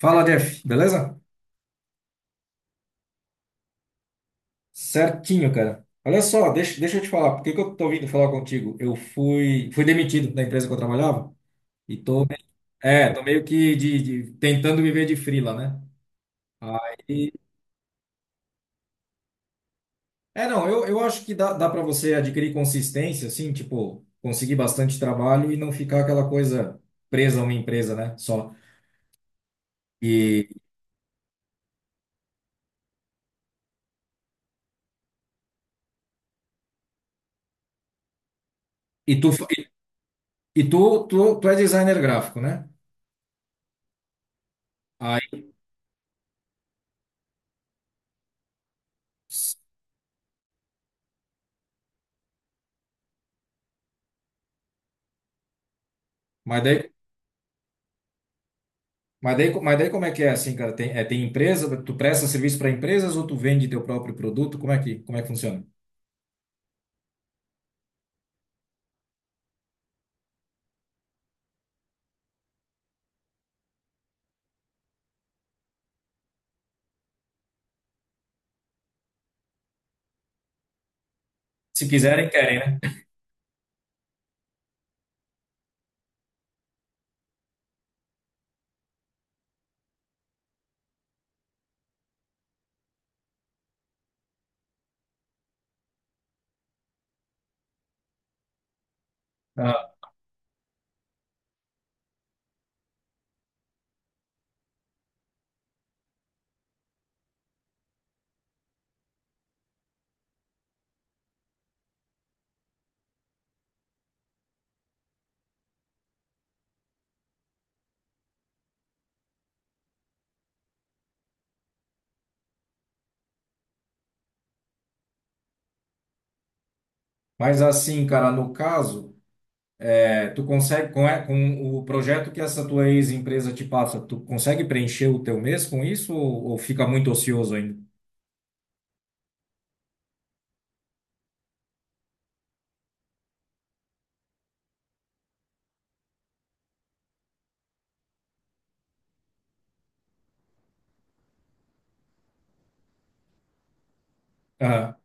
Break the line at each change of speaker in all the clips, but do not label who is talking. Fala, Jeff, beleza? Certinho, cara. Olha só, deixa eu te falar, por que que eu tô vindo falar contigo? Eu fui demitido da empresa que eu trabalhava e tô meio que tentando viver de freela, né? Aí, é, não, eu acho que dá para você adquirir consistência, assim, tipo, conseguir bastante trabalho e não ficar aquela coisa presa a uma empresa, né? Só. E, e tu, fa- e tu é designer gráfico, né? Aí, mas daí Mas daí, co- mas daí como é que é assim, cara? Tem empresa, tu presta serviço para empresas ou tu vende teu próprio produto? Como é que funciona? Se quiserem, querem, né? Ah, mas assim, cara, no caso, tu consegue, com o projeto que essa tua ex-empresa te passa, tu consegue preencher o teu mês com isso ou fica muito ocioso ainda? Ah,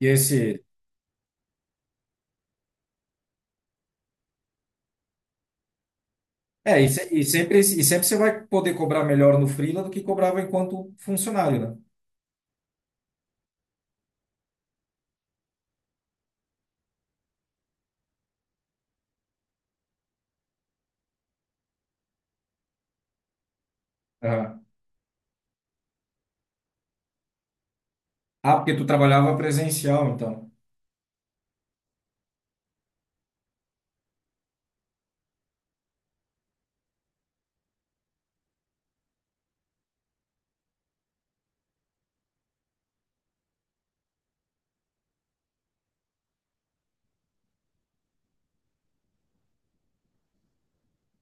e esse, é, e, se- e sempre você vai poder cobrar melhor no freela do que cobrava enquanto funcionário, né? Ah, ah, porque tu trabalhava presencial, então.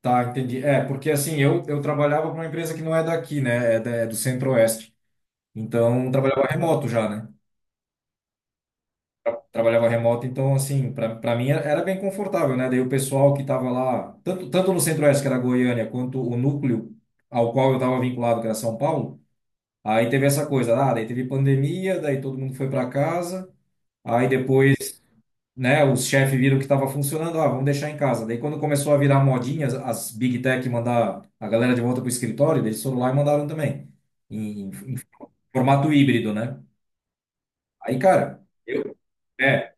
Tá, entendi. É, porque assim, eu trabalhava para uma empresa que não é daqui, né? É do Centro-Oeste. Então, trabalhava remoto já, né? Trabalhava remoto, então, assim, para mim era bem confortável, né? Daí o pessoal que estava lá, tanto no Centro-Oeste, que era Goiânia, quanto o núcleo ao qual eu estava vinculado, que era São Paulo, aí teve essa coisa, ah, daí teve pandemia, daí todo mundo foi para casa, aí depois né, os chefes viram que estava funcionando, ah, vamos deixar em casa. Daí quando começou a virar modinha, as Big Tech mandar a galera de volta para o escritório, eles foram lá e mandaram também, em formato híbrido, né? Aí, cara, é,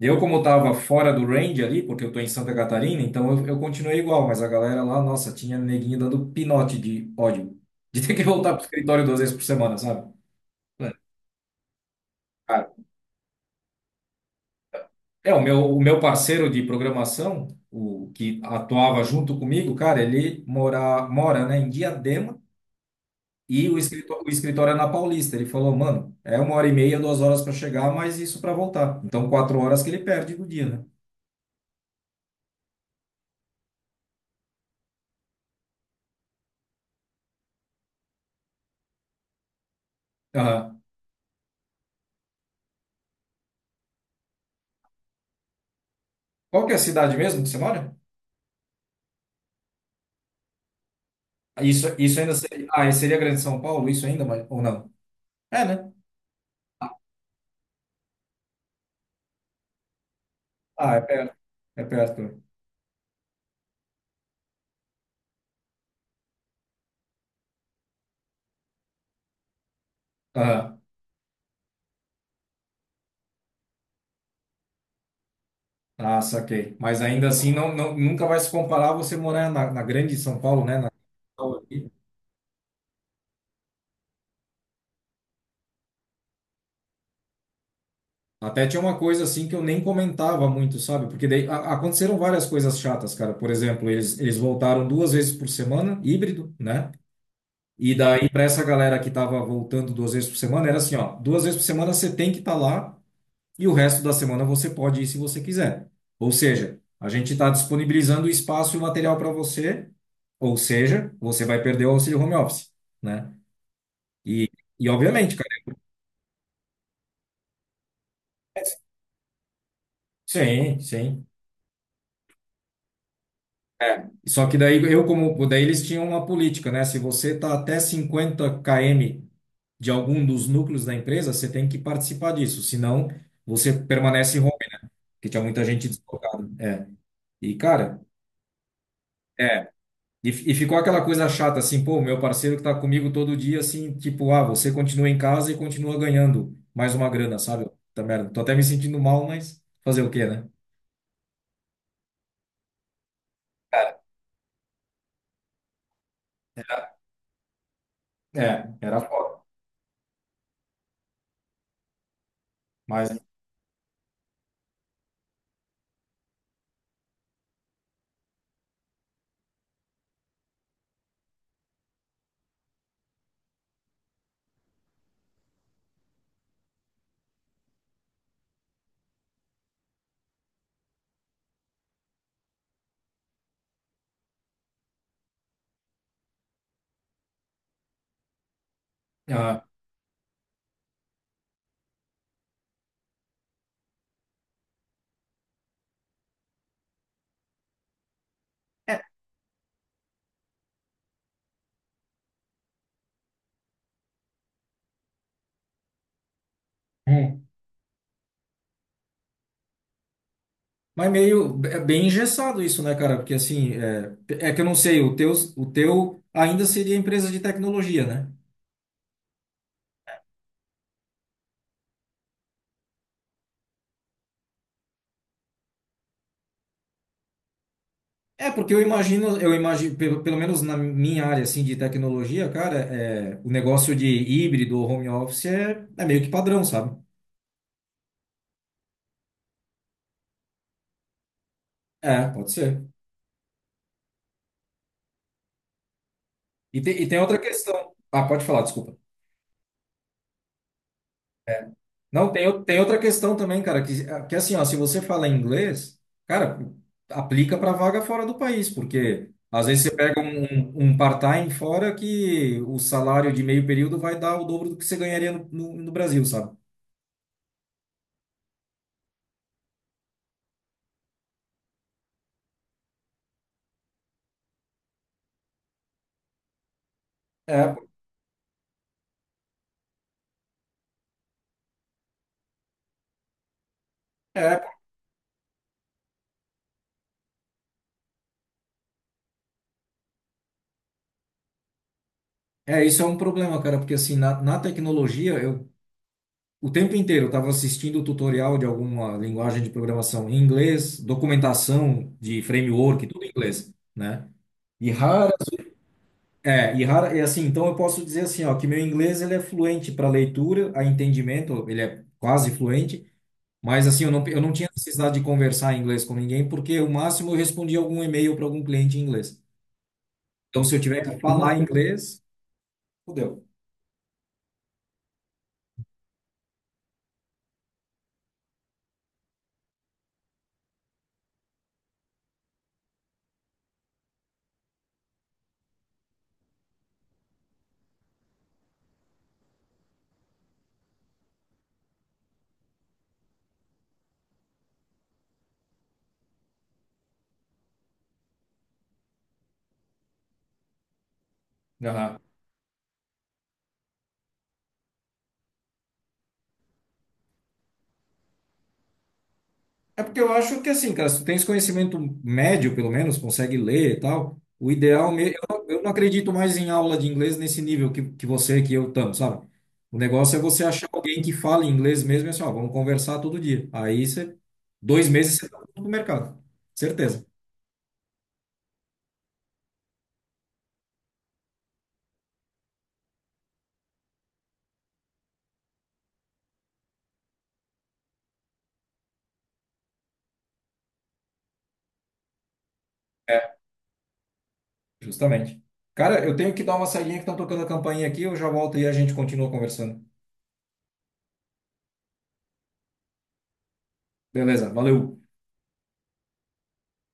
eu como estava fora do range ali, porque eu tô em Santa Catarina, então eu continuei igual, mas a galera lá, nossa, tinha neguinho dando pinote de ódio, de ter que voltar pro escritório duas vezes por semana, sabe? Cara, é, o meu parceiro de programação, o que atuava junto comigo, cara, ele mora, né, em Diadema e o escritório é na Paulista. Ele falou, mano, é uma hora e meia, duas horas para chegar, mas isso para voltar. Então, quatro horas que ele perde do dia, né? Aham. Qual que é a cidade mesmo que você mora? Isso ainda seria, ah, seria Grande São Paulo, isso ainda, mas, ou não? É, né? Ah, é perto. É perto. Aham. Ah, saquei. Mas ainda assim, não, não, nunca vai se comparar você morar na, na Grande São Paulo, né? Na capital aqui. Até tinha uma coisa assim que eu nem comentava muito, sabe? Porque daí aconteceram várias coisas chatas, cara. Por exemplo, eles voltaram duas vezes por semana, híbrido, né? E daí, para essa galera que tava voltando duas vezes por semana, era assim, ó, duas vezes por semana você tem que estar lá e o resto da semana você pode ir se você quiser. Ou seja, a gente está disponibilizando o espaço e o material para você, ou seja, você vai perder o auxílio home office, né? E, e obviamente, cara, sim, sim. Só que daí eu como daí eles tinham uma política, né? Se você está até 50 km de algum dos núcleos da empresa, você tem que participar disso, senão você permanece home, porque tinha muita gente deslocada. É. E cara, é, e ficou aquela coisa chata assim, pô, meu parceiro que tá comigo todo dia assim, tipo, ah, você continua em casa e continua ganhando mais uma grana, sabe? Tá merda. Tô até me sentindo mal, mas fazer o quê, né? É, era foda. Mas ah, mas meio é bem engessado isso, né, cara? Porque assim, é, é que eu não sei, o teu ainda seria empresa de tecnologia, né? É, porque eu imagino, pelo, pelo menos na minha área assim de tecnologia, cara, é, o negócio de híbrido ou home office é meio que padrão, sabe? É, pode ser. E, te, e tem outra questão. Ah, pode falar, desculpa. Não, tem, tem outra questão também, cara, que assim, ó, se você fala inglês, cara, aplica para vaga fora do país, porque às vezes você pega um, um part-time fora que o salário de meio período vai dar o dobro do que você ganharia no, no, no Brasil, sabe? É, é, isso é um problema, cara, porque assim, na, na tecnologia, eu o tempo inteiro eu estava assistindo tutorial de alguma linguagem de programação em inglês, documentação de framework, tudo em inglês, né? E assim, então eu posso dizer assim, ó, que meu inglês ele é fluente para leitura, a entendimento, ele é quase fluente, mas assim, eu não tinha necessidade de conversar em inglês com ninguém, porque o máximo eu respondia algum e-mail para algum cliente em inglês. Então, se eu tiver que falar inglês, fudeu. É porque eu acho que assim, cara, se tu tens conhecimento médio, pelo menos, consegue ler e tal, o ideal mesmo. Eu não acredito mais em aula de inglês nesse nível que você, que eu estamos, sabe? O negócio é você achar alguém que fale inglês mesmo e assim, ó, vamos conversar todo dia. Aí você, dois meses você tá no mercado. Certeza. É, justamente. Cara, eu tenho que dar uma saidinha que estão tocando a campainha aqui, eu já volto e a gente continua conversando. Beleza, valeu.